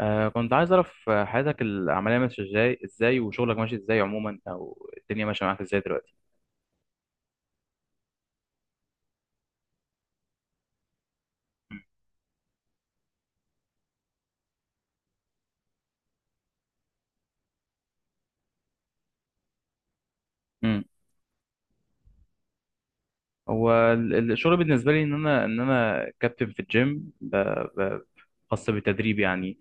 كنت عايز أعرف، حياتك العملية ماشية إزاي وشغلك ماشي إزاي عموما، أو الدنيا ماشية معاك إزاي دلوقتي؟ هو الشغل بالنسبه لي ان انا كابتن في الجيم، ب- خاص بالتدريب يعني.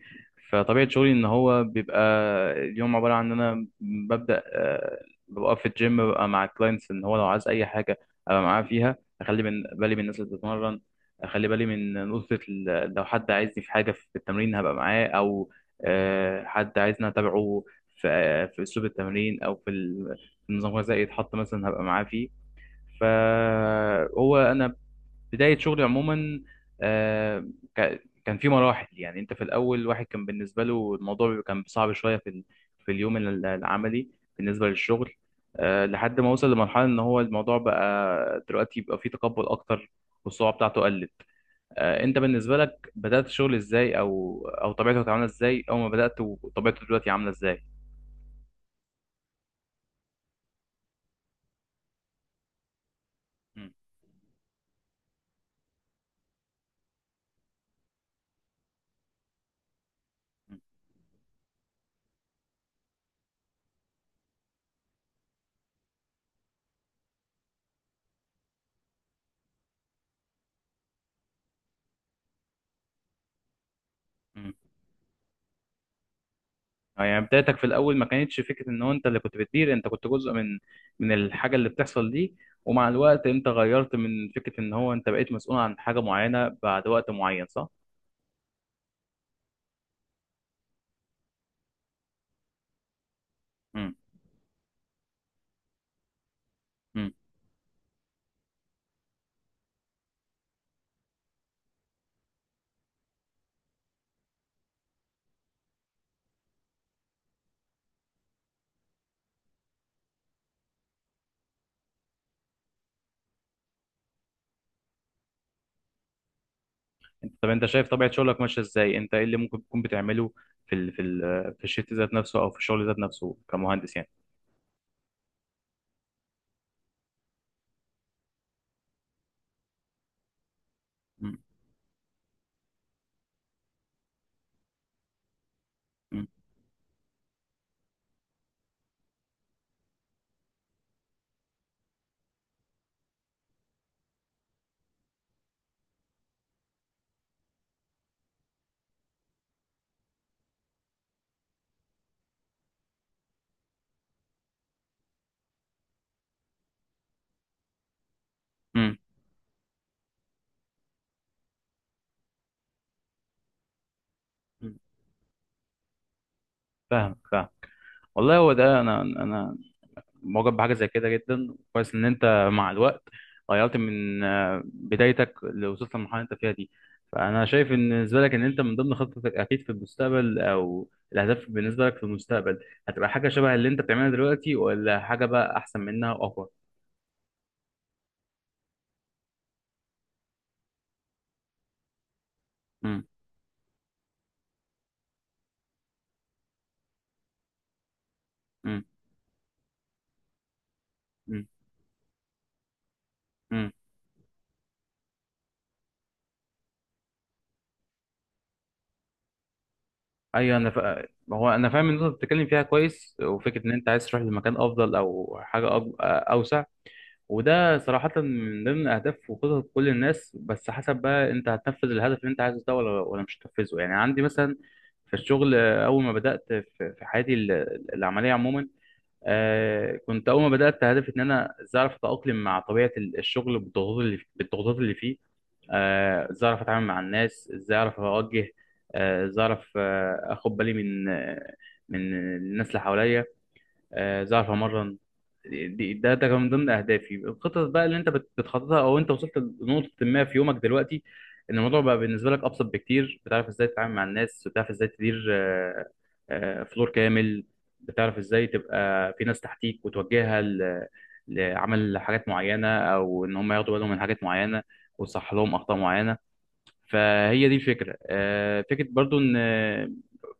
فطبيعه شغلي ان هو بيبقى اليوم عباره عن ان انا ببدا، ببقى في الجيم، ببقى مع الكلاينتس، ان هو لو عايز اي حاجه ابقى معاه فيها، اخلي من بالي من الناس اللي بتتمرن، اخلي بالي من نقطه لو حد عايزني في حاجه في التمرين هبقى معاه، او حد عايزني اتابعه في اسلوب التمرين، او في النظام الغذائي يتحط مثلا هبقى معاه فيه. فهو انا بدايه شغلي عموما، آه، كان في مراحل. يعني انت في الاول، واحد كان بالنسبه له الموضوع كان صعب شويه في في اليوم العملي بالنسبه للشغل، لحد ما وصل لمرحله ان هو الموضوع بقى دلوقتي يبقى فيه تقبل اكتر، والصعوبه بتاعته قلت. انت بالنسبه لك بدات الشغل ازاي، او طبيعته كانت عامله ازاي اول ما بدات، وطبيعته دلوقتي عامله ازاي؟ مم. مم. اه، يعني بدايتك في الاول ما كانتش فكره ان هو انت اللي كنت بتدير، انت كنت جزء من من الحاجه اللي بتحصل دي، ومع الوقت انت غيرت من فكره ان هو انت بقيت مسؤول عن حاجه معينه بعد وقت معين، صح؟ مم. مم. طب انت شايف طبيعه شغلك ماشيه ازاي؟ انت ايه اللي ممكن تكون بتعمله في ال في ال في الشيت ذات نفسه، او في الشغل ذات نفسه، كمهندس يعني. مم. مم. مم. مم. فاهم فاهم. والله، هو ده انا معجب بحاجه زي كده جدا. كويس ان انت مع الوقت غيرت من بدايتك، اللي وصلت للمرحله اللي انت فيها دي. فانا شايف ان بالنسبه لك، ان انت من ضمن خطتك اكيد في المستقبل، او الاهداف بالنسبه لك في المستقبل، هتبقى حاجه شبه اللي انت بتعملها دلوقتي، ولا حاجه بقى احسن منها واقوى؟ امم. امم. امم. امم. ايوه، انا هو انا فاهم ان انت بتتكلم فيها كويس، وفكره ان انت عايز تروح لمكان افضل، او حاجه اوسع. وده صراحة من ضمن أهداف وخطط كل الناس، بس حسب بقى أنت هتنفذ الهدف اللي أنت عايزه ده ولا مش هتنفذه. يعني عندي مثلا في الشغل، أول ما بدأت في حياتي العملية عموما، كنت أول ما بدأت هدفي إن أنا إزاي أعرف أتأقلم مع طبيعة الشغل بالضغوطات اللي فيه، إزاي أعرف أتعامل مع الناس، إزاي أعرف أوجه، إزاي أعرف أخد بالي من الناس اللي حواليا، ظهر اتمرن. ده كان من ضمن اهدافي، الخطط بقى اللي انت بتخططها، او انت وصلت لنقطه ما في يومك دلوقتي ان الموضوع بقى بالنسبه لك ابسط بكتير، بتعرف ازاي تتعامل مع الناس، بتعرف ازاي تدير فلور كامل، بتعرف ازاي تبقى في ناس تحتيك وتوجهها لعمل حاجات معينه، او ان هم ياخدوا بالهم من حاجات معينه، وتصحح لهم اخطاء معينه. فهي دي الفكره، فكره برضو ان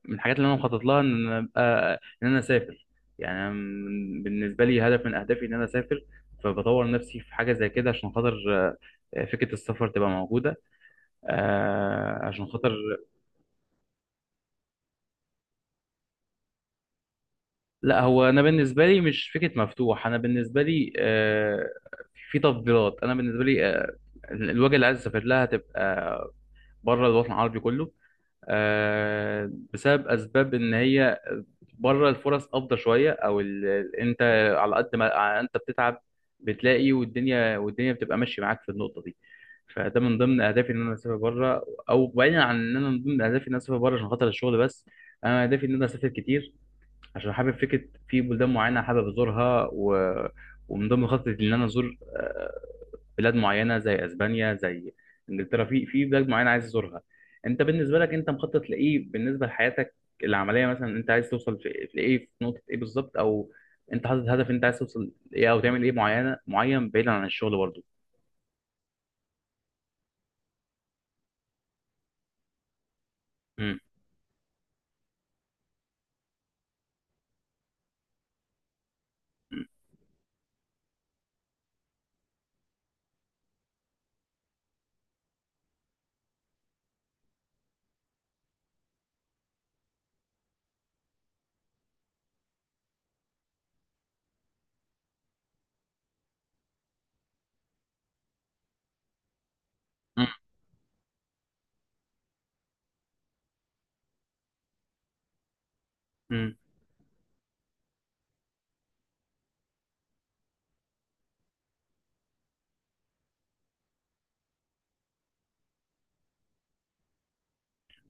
من الحاجات اللي انا مخطط لها، ان انا اسافر. يعني أنا بالنسبه لي هدف من اهدافي ان انا اسافر، فبطور نفسي في حاجه زي كده عشان خاطر فكره السفر تبقى موجوده، آه، عشان خاطر لا، هو انا بالنسبه لي مش فكره مفتوح. انا بالنسبه لي في تفضيلات، انا بالنسبه لي الوجهه اللي عايز اسافر لها تبقى بره الوطن العربي كله، بسبب اسباب ان هي بره الفرص افضل شويه، او انت على قد ما انت بتتعب بتلاقي، والدنيا بتبقى ماشيه معاك في النقطه دي. فده من ضمن اهدافي ان انا اسافر بره، او بعيدا عن ان انا من ضمن اهدافي ان انا اسافر بره عشان خاطر الشغل بس، انا اهدافي ان انا اسافر كتير، عشان حابب فكره في بلدان معينه حابب ازورها. ومن ضمن خطتي ان انا ازور بلاد معينه، زي اسبانيا، زي انجلترا. في في بلاد معينه عايز ازورها. انت بالنسبه لك، انت مخطط لايه بالنسبه لحياتك العمليه مثلا؟ انت عايز توصل في في ايه، في نقطه ايه بالظبط، او انت حاطط هدف انت عايز توصل ايه او تعمل ايه معينه معين بعيدا عن الشغل برضه؟ امم.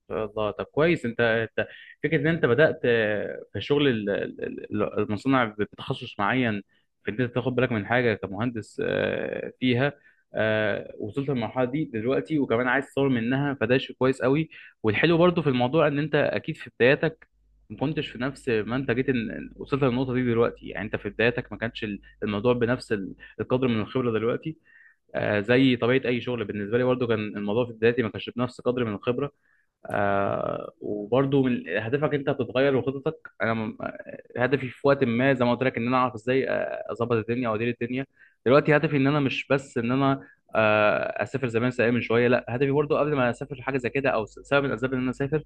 شاء الله. طب كويس، انت فكره ان انت بدات في شغل المصنع، بتخصص معين، في ان انت تاخد بالك من حاجه كمهندس فيها، وصلت للمرحله دي دلوقتي، وكمان عايز تطور منها، فده شيء كويس قوي. والحلو برضو في الموضوع ان انت اكيد في بداياتك ما كنتش في نفس ما انت جيت إن وصلت للنقطه دي دلوقتي. يعني انت في بداياتك ما كانش الموضوع بنفس القدر من الخبره دلوقتي، زي طبيعه اي شغل بالنسبه لي، برضو كان الموضوع في بدايتي ما كانش بنفس قدر من الخبره. وبرضو من هدفك انت هتتغير وخططك، هدفي في وقت ما زي ما قلت لك ان انا اعرف ازاي اظبط الدنيا وادير الدنيا. دلوقتي هدفي ان انا مش بس ان انا اسافر زي ما انا سايق من شويه، لا، هدفي برضو قبل ما اسافر حاجه زي كده، او سبب من الاسباب ان انا اسافر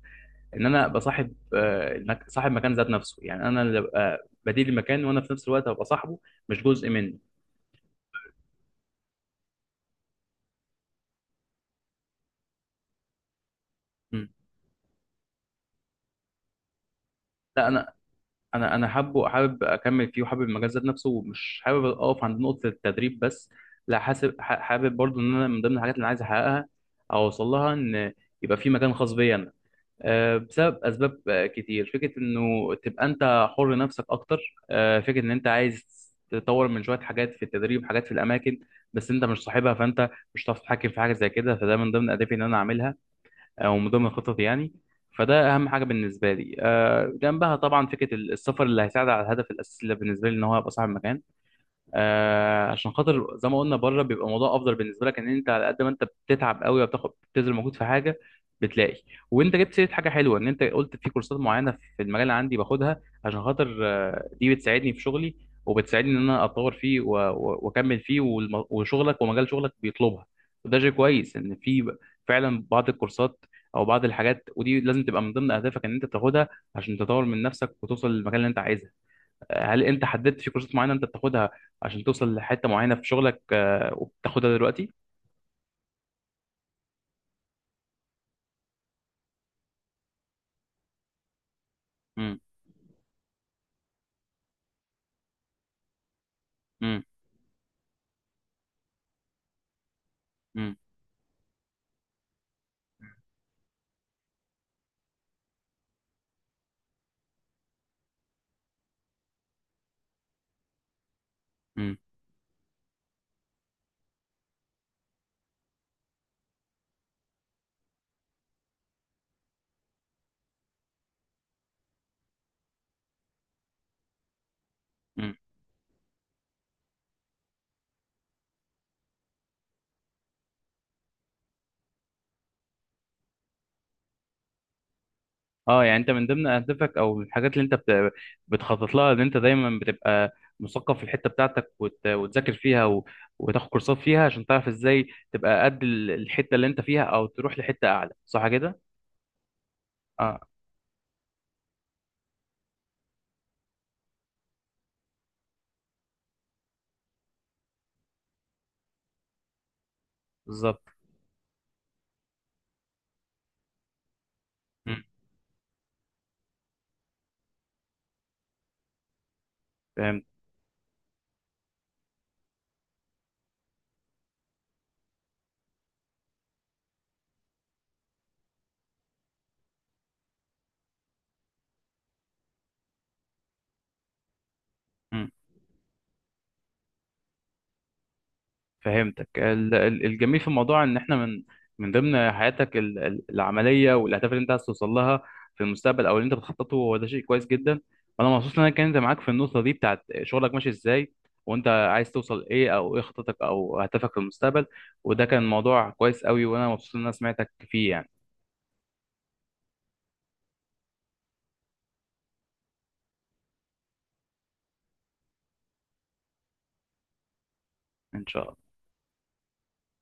ان انا ابقى صاحب، صاحب مكان ذات نفسه. يعني انا اللي ابقى بديل المكان، وانا في نفس الوقت ابقى صاحبه، مش جزء منه. م. لا، انا حابب اكمل فيه، وحابب المجال ذات نفسه، ومش حابب اقف عند نقطه التدريب بس. لا، حابب برضو ان انا من ضمن الحاجات اللي انا عايز احققها، او اوصل لها، ان يبقى في مكان خاص بيا انا، بسبب اسباب كتير، فكره انه تبقى انت حر نفسك اكتر، فكره ان انت عايز تطور من شويه حاجات في التدريب، حاجات في الاماكن، بس انت مش صاحبها فانت مش هتعرف تتحكم في حاجه زي كده، فده من ضمن اهدافي ان انا اعملها، او من ضمن خططي يعني. فده اهم حاجه بالنسبه لي، جنبها طبعا فكره السفر اللي هيساعد على الهدف الاساسي اللي بالنسبه لي ان هو ابقى صاحب مكان. عشان خاطر زي ما قلنا، بره بيبقى الموضوع افضل بالنسبه لك، ان انت على قد ما انت بتتعب قوي وبتاخد بتبذل مجهود في حاجه بتلاقي. وانت جبت سيره حاجه حلوه ان انت قلت في كورسات معينه في المجال، اللي عندي باخدها عشان خاطر دي بتساعدني في شغلي، وبتساعدني ان انا اتطور فيه واكمل فيه، وشغلك ومجال شغلك بيطلبها. وده شيء كويس ان في، فعلا بعض الكورسات، او بعض الحاجات، ودي لازم تبقى من ضمن اهدافك ان انت تاخدها عشان تطور من نفسك وتوصل للمكان اللي انت عايزه. هل انت حددت في كورسات معينه انت بتاخدها عشان توصل لحته معينه في شغلك، وبتاخدها دلوقتي؟ امم. امم. امم. امم. امم. اه، يعني انت من ضمن اهدافك، او من الحاجات اللي انت بتخطط لها، ان انت دايما بتبقى مثقف في الحته بتاعتك، وتذاكر فيها، وتاخد كورسات فيها عشان تعرف ازاي تبقى قد الحته اللي انت فيها، او تروح لحته اعلى، صح كده؟ اه، بالظبط. امم. فهمت فهمتك. الجميل في الموضوع ان احنا، من ضمن حياتك العمليه والاهداف اللي انت عايز توصل لها في المستقبل، او اللي انت بتخططه، هو ده شيء كويس جدا. وانا مبسوط ان انا اتكلمت معاك في النقطه دي بتاعت شغلك ماشي ازاي، وانت عايز توصل ايه، او ايه خطتك او هدفك في المستقبل، وده كان موضوع كويس قوي، وانا مبسوط ان انا سمعتك فيه يعني. ان شاء الله.